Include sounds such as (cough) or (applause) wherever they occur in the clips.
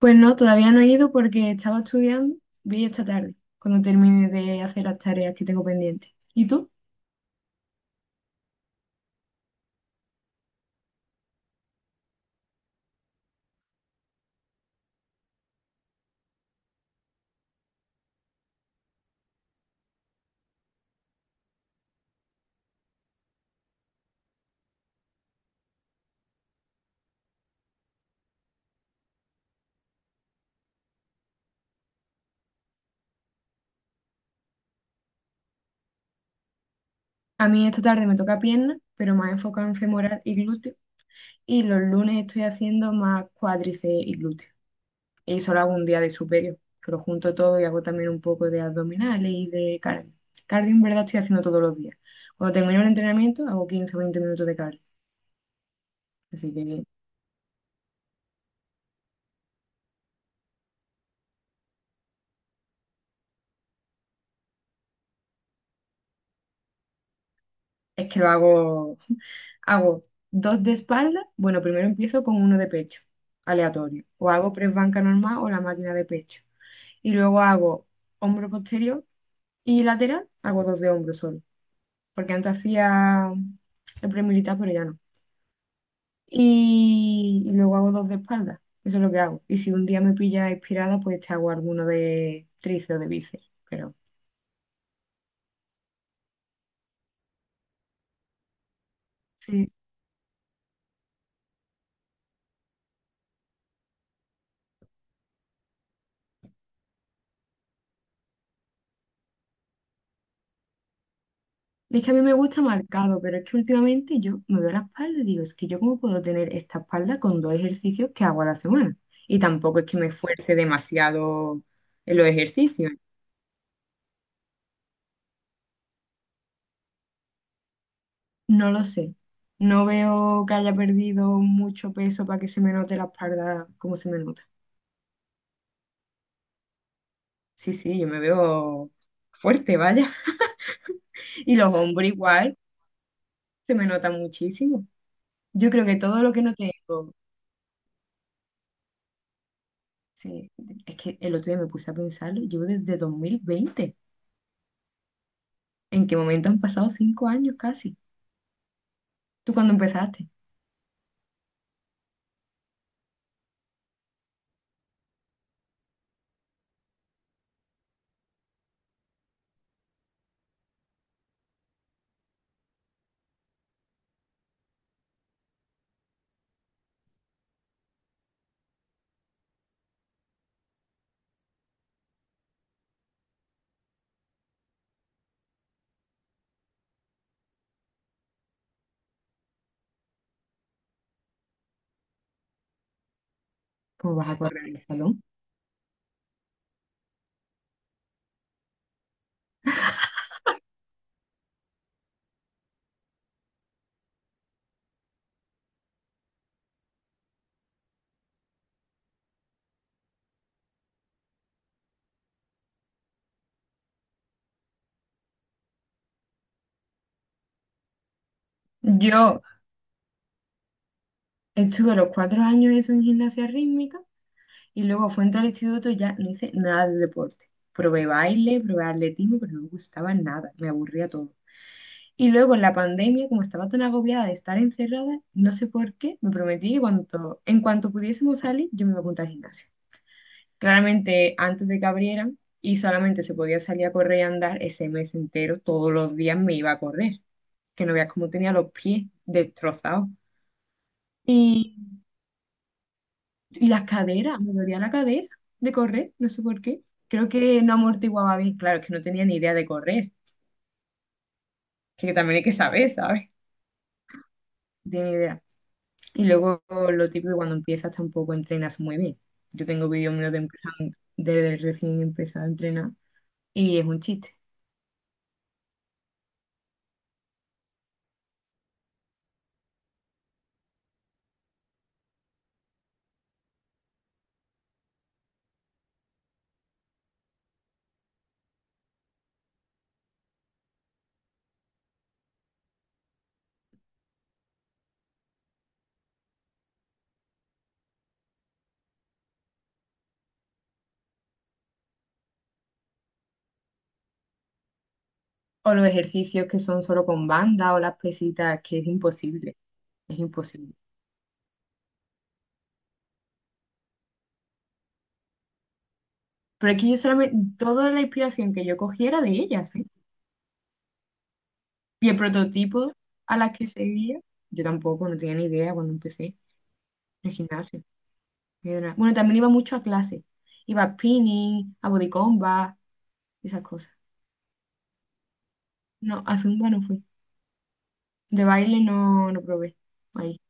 Pues no, todavía no he ido porque estaba estudiando, voy esta tarde, cuando termine de hacer las tareas que tengo pendientes. ¿Y tú? A mí esta tarde me toca pierna, pero más enfocado en femoral y glúteo, y los lunes estoy haciendo más cuádriceps y glúteo. Y solo hago un día de superior, que lo junto todo y hago también un poco de abdominales y de cardio. Cardio en verdad estoy haciendo todos los días. Cuando termino el entrenamiento hago 15 o 20 minutos de cardio, así que es que lo hago Hago dos de espalda. Bueno, primero empiezo con uno de pecho, aleatorio. O hago press banca normal o la máquina de pecho. Y luego hago hombro posterior y lateral. Hago dos de hombro solo. Porque antes hacía el pre militar, pero ya no. Y luego hago dos de espalda. Eso es lo que hago. Y si un día me pilla inspirada, pues te hago alguno de tríceps o de bíceps. Pero sí, es que a mí me gusta marcado, pero es que últimamente yo me veo la espalda y digo, es que yo cómo puedo tener esta espalda con dos ejercicios que hago a la semana. Y tampoco es que me esfuerce demasiado en los ejercicios. No lo sé. No veo que haya perdido mucho peso para que se me note la espalda como se me nota. Sí, sí, yo me veo fuerte, vaya. (laughs) Y los hombros igual, se me nota muchísimo. Yo creo que todo lo que no tengo, sí, es que el otro día me puse a pensarlo, yo desde 2020. ¿En qué momento han pasado 5 años casi? ¿Tú cuándo empezaste? Pues vas a correr en el salón. Yo estuve los 4 años eso en gimnasia rítmica y luego fue entrar al instituto y ya no hice nada de deporte. Probé baile, probé atletismo, pero no me gustaba nada, me aburría todo. Y luego en la pandemia, como estaba tan agobiada de estar encerrada, no sé por qué, me prometí que cuanto, en cuanto pudiésemos salir, yo me iba a apuntar al gimnasio. Claramente antes de que abrieran y solamente se podía salir a correr y andar ese mes entero, todos los días me iba a correr, que no veas cómo tenía los pies destrozados. Y, y las caderas, me dolía la cadera de correr, no sé por qué. Creo que no amortiguaba bien, claro, es que no tenía ni idea de correr, que también hay que saber, ¿sabes? No tenía ni idea. Y luego lo típico, cuando empiezas tampoco entrenas muy bien. Yo tengo vídeos míos de empezando, desde recién empezar a entrenar y es un chiste. O los ejercicios que son solo con banda o las pesitas, que es imposible, es imposible. Pero es que yo solamente, toda la inspiración que yo cogiera de ellas, ¿eh? Y el prototipo a las que seguía, yo tampoco, no tenía ni idea cuando empecé en el gimnasio. Ni de nada. Bueno, también iba mucho a clase. Iba a spinning, a body combat, esas cosas. No, a zumba no fui. De baile no, no probé. Ahí.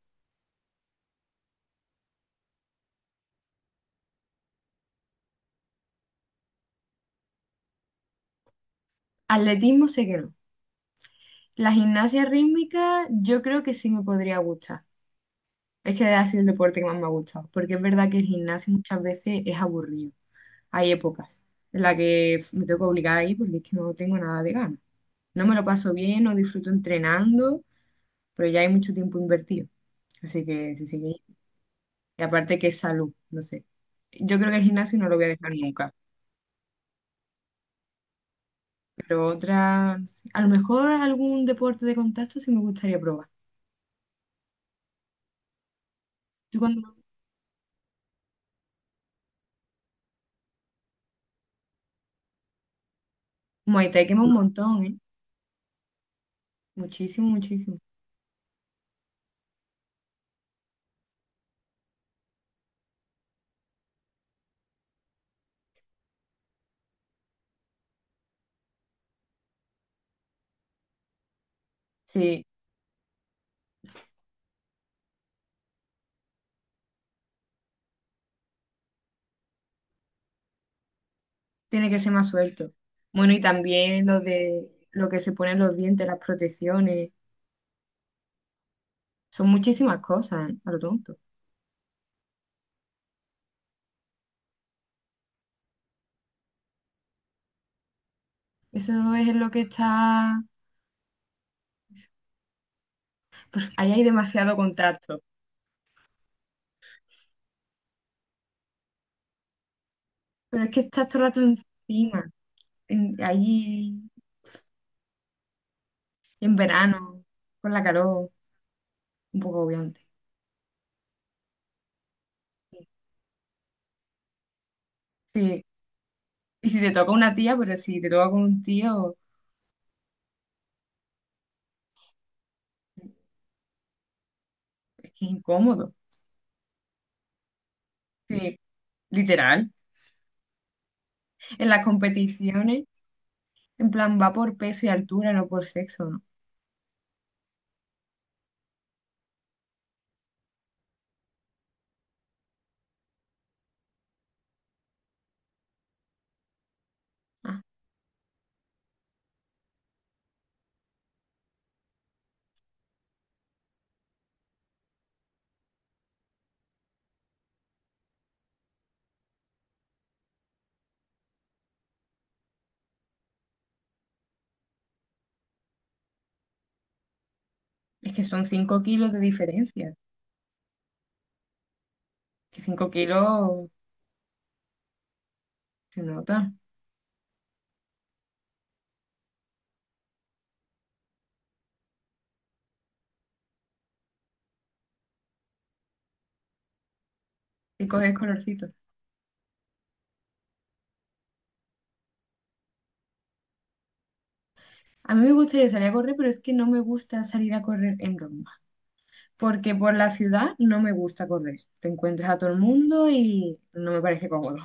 Atletismo sé que no. La gimnasia rítmica yo creo que sí me podría gustar. Es que ha sido el deporte que más me ha gustado, porque es verdad que el gimnasio muchas veces es aburrido. Hay épocas en las que pf, me tengo que obligar ahí porque es que no tengo nada de ganas. No me lo paso bien, no disfruto entrenando, pero ya hay mucho tiempo invertido. Así que sí, sí. Y aparte que es salud, no sé. Yo creo que el gimnasio no lo voy a dejar nunca, pero otra, no sé, a lo mejor algún deporte de contacto sí me gustaría probar. Yo cuando Muay Thai quema un montón, ¿eh? Muchísimo, muchísimo. Sí, tiene que ser más suelto. Bueno, y también lo de lo que se ponen los dientes, las protecciones, son muchísimas cosas, ¿eh? A lo tonto. Eso es lo que está. Pues ahí hay demasiado contacto. Pero es que estás todo el rato encima, ahí en verano, con la calor, un poco obviante. Sí. Y si te toca una tía, pero si te toca con un tío, es que es incómodo. Sí, literal. En las competiciones, en plan, va por peso y altura, no por sexo, ¿no? Es que son 5 kilos de diferencia. Que 5 kilos se nota. Y coges colorcito. A mí me gustaría salir a correr, pero es que no me gusta salir a correr en Roma. Porque por la ciudad no me gusta correr. Te encuentras a todo el mundo y no me parece cómodo.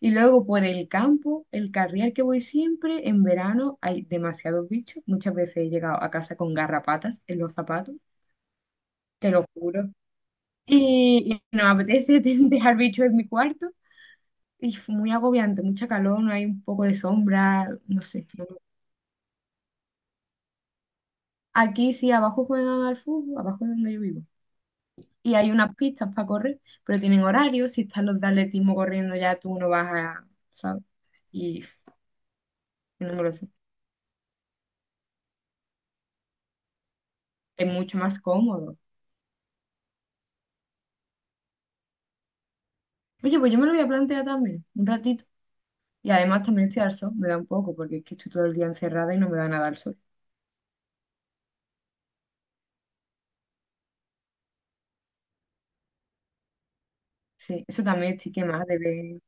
Y luego por el campo, el carrial que voy siempre, en verano hay demasiados bichos. Muchas veces he llegado a casa con garrapatas en los zapatos, te lo juro. Y no me apetece (laughs) dejar bichos en mi cuarto. Y fue muy agobiante, mucha calor, no hay un poco de sombra, no sé. Aquí sí, abajo juegan al fútbol, abajo es donde yo vivo. Y hay unas pistas para correr, pero tienen horario, si están los de atletismo corriendo ya tú no vas a, ¿sabes? Y f, no me Es mucho más cómodo. Oye, pues yo me lo voy a plantear también, un ratito. Y además también estoy al sol, me da un poco, porque es que estoy todo el día encerrada y no me da nada al sol. Sí, eso también estoy quemada de ver.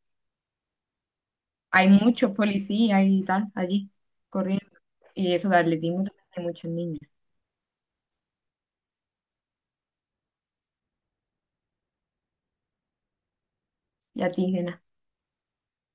Hay muchos policías y tal allí corriendo. Y eso de atletismo también hay muchos niños. Y a ti, Gena.